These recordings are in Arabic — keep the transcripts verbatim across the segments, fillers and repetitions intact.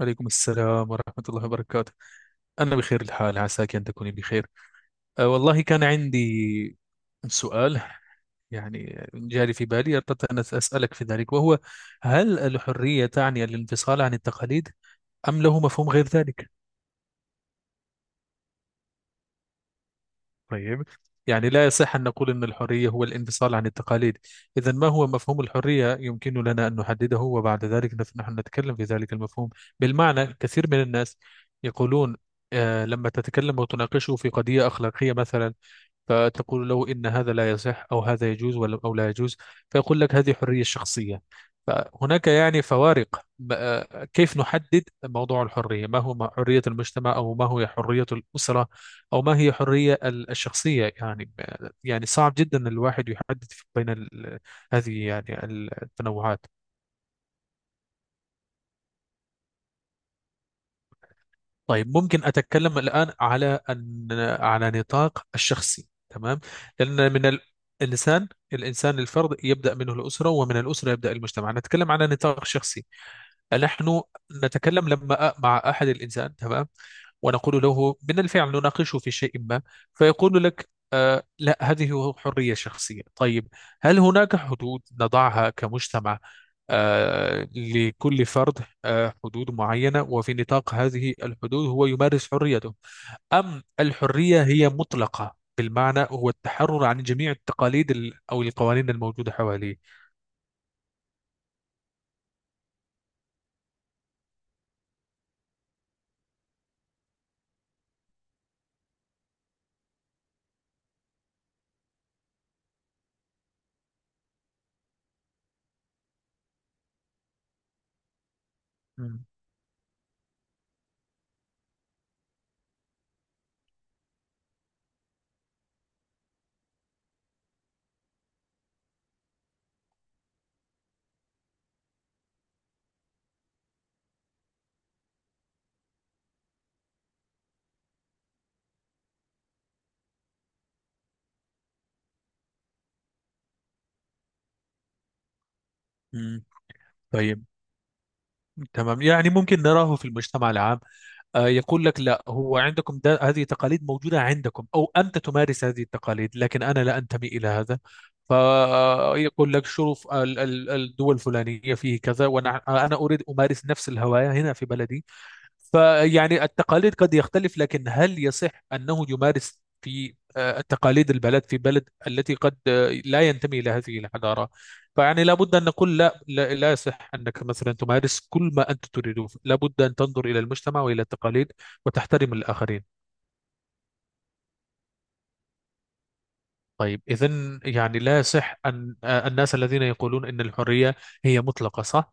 عليكم السلام ورحمة الله وبركاته. أنا بخير الحال، عساك أن تكوني بخير. أه والله كان عندي سؤال، يعني جاري في بالي، أردت أن أسألك في ذلك، وهو: هل الحرية تعني الانفصال عن التقاليد أم له مفهوم غير ذلك؟ طيب، يعني لا يصح أن نقول أن الحرية هو الانفصال عن التقاليد. إذا ما هو مفهوم الحرية، يمكن لنا أن نحدده وبعد ذلك نف- نحن نتكلم في ذلك المفهوم. بالمعنى كثير من الناس يقولون، آه لما تتكلم وتناقشه في قضية أخلاقية مثلا، فتقول له إن هذا لا يصح أو هذا يجوز ولا أو لا يجوز، فيقول لك: هذه حرية شخصية. فهناك يعني فوارق. ب- آه، كيف نحدد موضوع الحرية، ما هو حرية المجتمع أو ما هو حرية الأسرة أو ما هي حرية ال- الشخصية، يعني. يعني صعب جدا إن الواحد يحدد بين ال- هذه، يعني، التنوعات. طيب، ممكن أتكلم الآن على أن، على نطاق الشخصي، تمام. لأن من ال- الإنسان الإنسان الفرد يبدأ منه الأسرة، ومن الأسرة يبدأ المجتمع. نتكلم على نطاق شخصي. نحن نتكلم لما أ- مع أحد الإنسان، تمام. ونقول له من الفعل نناقشه في شيء ما، فيقول لك: آه لا، هذه حرية شخصية، طيب. هل هناك حدود نضعها كمجتمع آه لكل فرد، آه حدود معينة، وفي نطاق هذه الحدود هو يمارس حريته؟ أم الحرية هي مطلقة، بالمعنى هو التحرر عن جميع التقاليد ال- أو القوانين الموجودة حواليه؟ مم. مم. طيب، تمام. يعني ممكن نراه في المجتمع العام. آه، يقول لك: لا هو عندكم ده، هذه تقاليد موجودة عندكم، أو أنت تمارس هذه التقاليد، لكن أنا لا أنتمي إلى هذا. فيقول لك: شوف ال- ال- الدول الفلانية فيه كذا، وأنا أنا أريد أمارس نفس الهواية هنا في بلدي. فيعني التقاليد قد يختلف، لكن هل يصح أنه يمارس في آه، التقاليد البلد في بلد التي قد آه، لا ينتمي إلى هذه الحضارة؟ فيعني لابد أن نقول: لا، لا, لا يصح أنك مثلا تمارس كل ما أنت تريده، لابد أن تنظر إلى المجتمع وإلى التقاليد وتحترم الآخرين. طيب، إذا يعني لا يصح أن آه، الناس الذين يقولون أن الحرية هي مطلقة، صح؟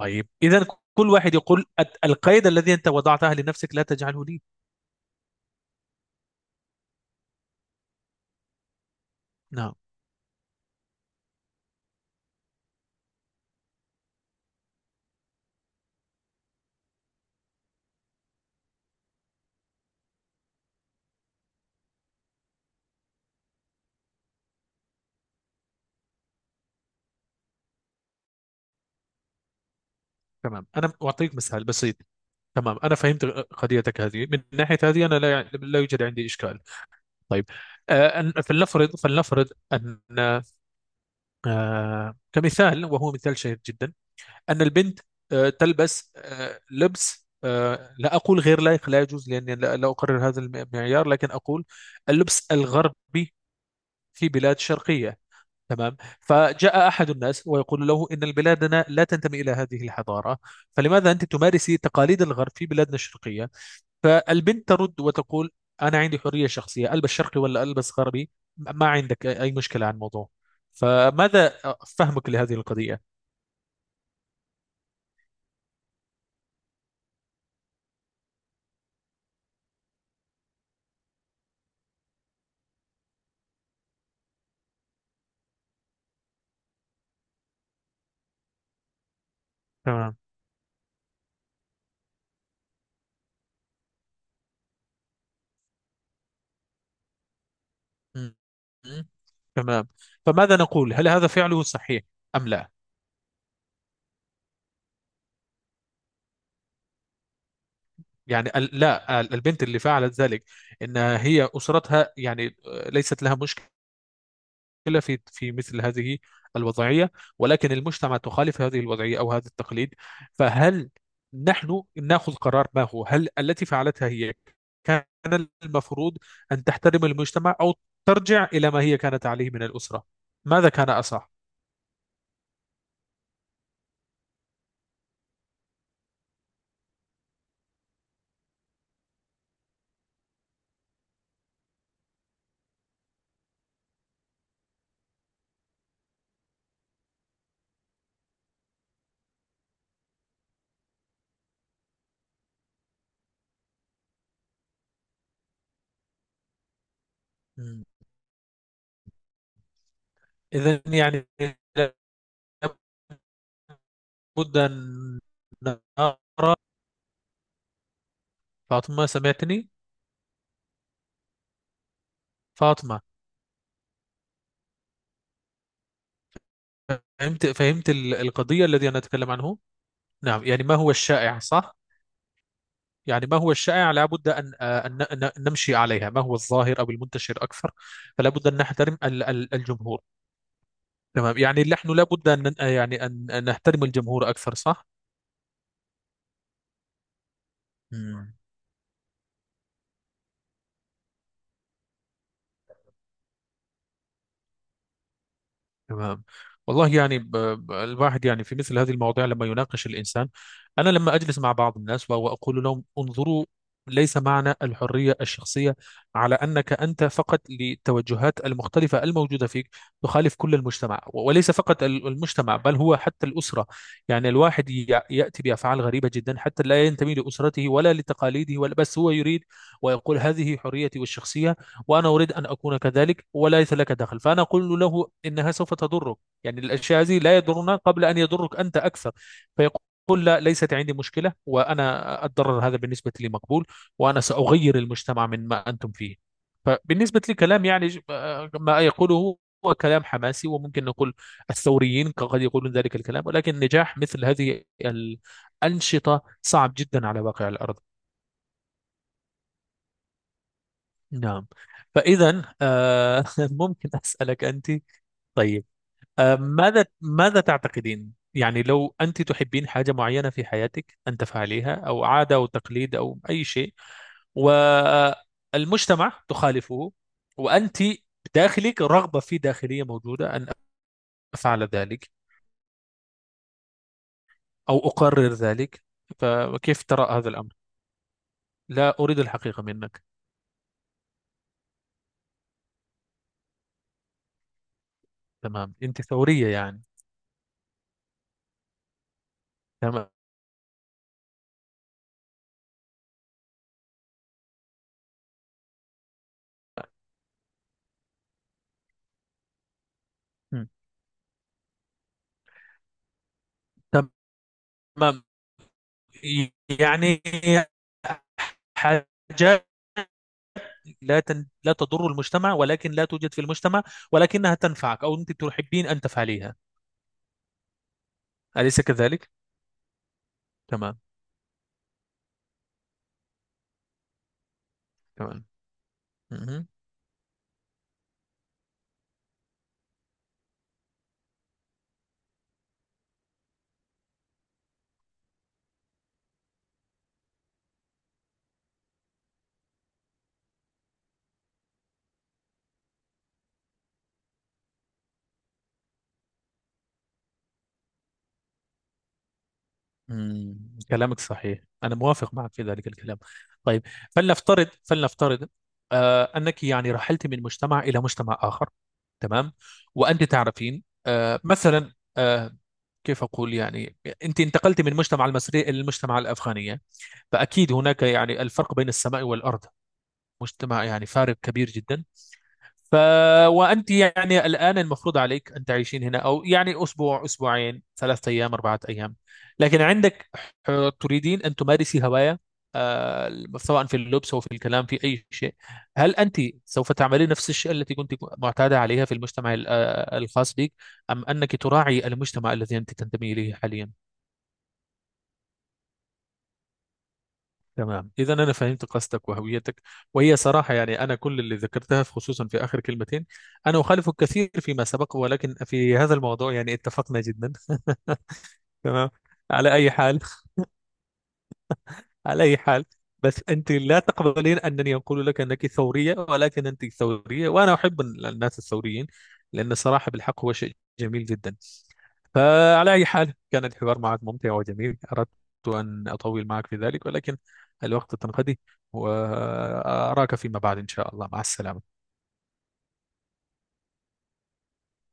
طيب، إذا كل واحد يقول: القيد الذي أنت وضعته لنفسك لا تجعله لي. نعم. تمام، أنا أعطيك مثال بسيط. تمام، أنا فهمت قضيتك هذه. من ناحية هذه أنا لا يعني، لا يوجد عندي إشكال. طيب، آه، أن- فلنفرض فلنفرض أن، آه، كمثال وهو مثال شهير جدا، أن البنت، آه، تلبس، آه، لبس، آه، لا أقول غير لائق لا يجوز، لأني لا لا أقرر هذا المعيار، لكن أقول: اللبس الغربي في بلاد شرقية. تمام. فجاء أحد الناس ويقول له: إن بلادنا لا تنتمي إلى هذه الحضارة، فلماذا أنت تمارسي تقاليد الغرب في بلادنا الشرقية؟ فالبنت ترد وتقول: أنا عندي حرية شخصية، ألبس شرقي ولا ألبس غربي، ما عندك أي مشكلة عن الموضوع. فماذا فهمك لهذه القضية؟ تمام. م- م- تمام. فماذا نقول، هل هذا فعله صحيح أم لا؟ يعني ال- لا، البنت اللي فعلت ذلك، إن هي أسرتها يعني ليست لها مشكلة، مشكلة في في مثل هذه الوضعية. ولكن المجتمع تخالف هذه الوضعية أو هذا التقليد. فهل نحن نأخذ قرار ما هو، هل التي فعلتها هي كان المفروض أن تحترم المجتمع، أو ترجع إلى ما هي كانت عليه من الأسرة، ماذا كان أصح؟ إذا يعني لابد أن نرى. فاطمة، سمعتني؟ فاطمة، فهمت فهمت ال- القضية الذي أنا أتكلم عنه؟ نعم. يعني ما هو الشائع، صح؟ يعني ما هو الشائع لابد أن، آه، أن أن نمشي عليها، ما هو الظاهر أو المنتشر أكثر. فلا بد أن نحترم ال- ال- الجمهور. تمام، يعني نحن لابد أن يعني أن أن نحترم الجمهور أكثر، صح؟ مم. تمام. والله يعني ب... ب- الواحد، يعني في مثل هذه المواضيع لما يناقش الإنسان. أنا لما أجلس مع بعض الناس وأقول لهم: انظروا، ليس معنى الحرية الشخصية على أنك أنت فقط للتوجهات المختلفة الموجودة فيك تخالف كل المجتمع، وليس فقط ال- المجتمع بل هو حتى الأسرة. يعني الواحد ي- يأتي بأفعال غريبة جدا حتى لا ينتمي لأسرته ولا لتقاليده ولا، بس هو يريد ويقول: هذه حريتي والشخصية، وأنا أريد أن أكون كذلك وليس لك دخل. فأنا أقول له: إنها سوف تضرك. يعني الأشياء هذه لا يضرنا قبل أن يضرك أنت أكثر. فيقول: لا، ليست عندي مشكلة، وأنا الضرر هذا بالنسبة لي مقبول، وأنا سأغير المجتمع من ما أنتم فيه. فبالنسبة لي كلام، يعني ج- آه، ما يقوله هو كلام حماسي، وممكن نقول الثوريين قد يقولون ذلك الكلام، ولكن نجاح مثل هذه الأنشطة صعب جدا على واقع الأرض. نعم. فإذا آه، ممكن أسألك أنت؟ طيب. آه، ماذا ماذا تعتقدين، يعني لو أنت تحبين حاجة معينة في حياتك أن تفعليها، أو عادة أو تقليد أو أي شيء، والمجتمع تخالفه، وأنت بداخلك رغبة في داخلية موجودة أن أفعل ذلك أو أقرر ذلك، فكيف ترى هذا الأمر؟ لا أريد الحقيقة منك. تمام، أنت ثورية يعني. تمام. م. تمام، يعني حاجات لا تن... لا تضر المجتمع، ولكن لا توجد في المجتمع، ولكنها تنفعك أو أنت تحبين أن تفعليها، أليس كذلك؟ تمام. تمام. مهم. مم. كلامك صحيح، أنا موافق معك في ذلك الكلام. طيب، فلنفترض فلنفترض آه أنك يعني رحلت من مجتمع إلى مجتمع آخر، تمام. وأنت تعرفين، آه مثلا، آه كيف أقول، يعني أنت انتقلت من المجتمع المصري إلى المجتمع الأفغانية. فأكيد هناك يعني الفرق بين السماء والأرض. مجتمع يعني فارق كبير جدا. ف وأنت يعني الآن المفروض عليك أن تعيشين هنا أو يعني أسبوع أسبوعين ثلاثة أيام أربعة أيام. لكن عندك، ح- تريدين أن تمارسي هواية، آه، سواء في اللبس أو في الكلام في أي شيء. هل أنت سوف تعملين نفس الشيء التي كنت معتادة عليها في المجتمع ال- آه، الخاص بك، أم أنك تراعي المجتمع الذي أنت تنتمي إليه حاليا؟ تمام، إذا أنا فهمت قصدك وهويتك، وهي صراحة. يعني أنا كل اللي ذكرتها في- خصوصا في آخر كلمتين، أنا أخالفك كثير فيما سبق، ولكن في هذا الموضوع يعني اتفقنا جدا. تمام. على أي حال، على أي حال، بس أنت لا تقبلين أنني أقول لك أنك ثورية، ولكن أنت ثورية وأنا أحب الناس الثوريين، لأن صراحة بالحق هو شيء جميل جدا. فعلى أي حال كان الحوار معك ممتع وجميل، أردت أن أطول معك في ذلك، ولكن الوقت تنقضي. وأراك فيما بعد إن شاء الله. مع السلامة.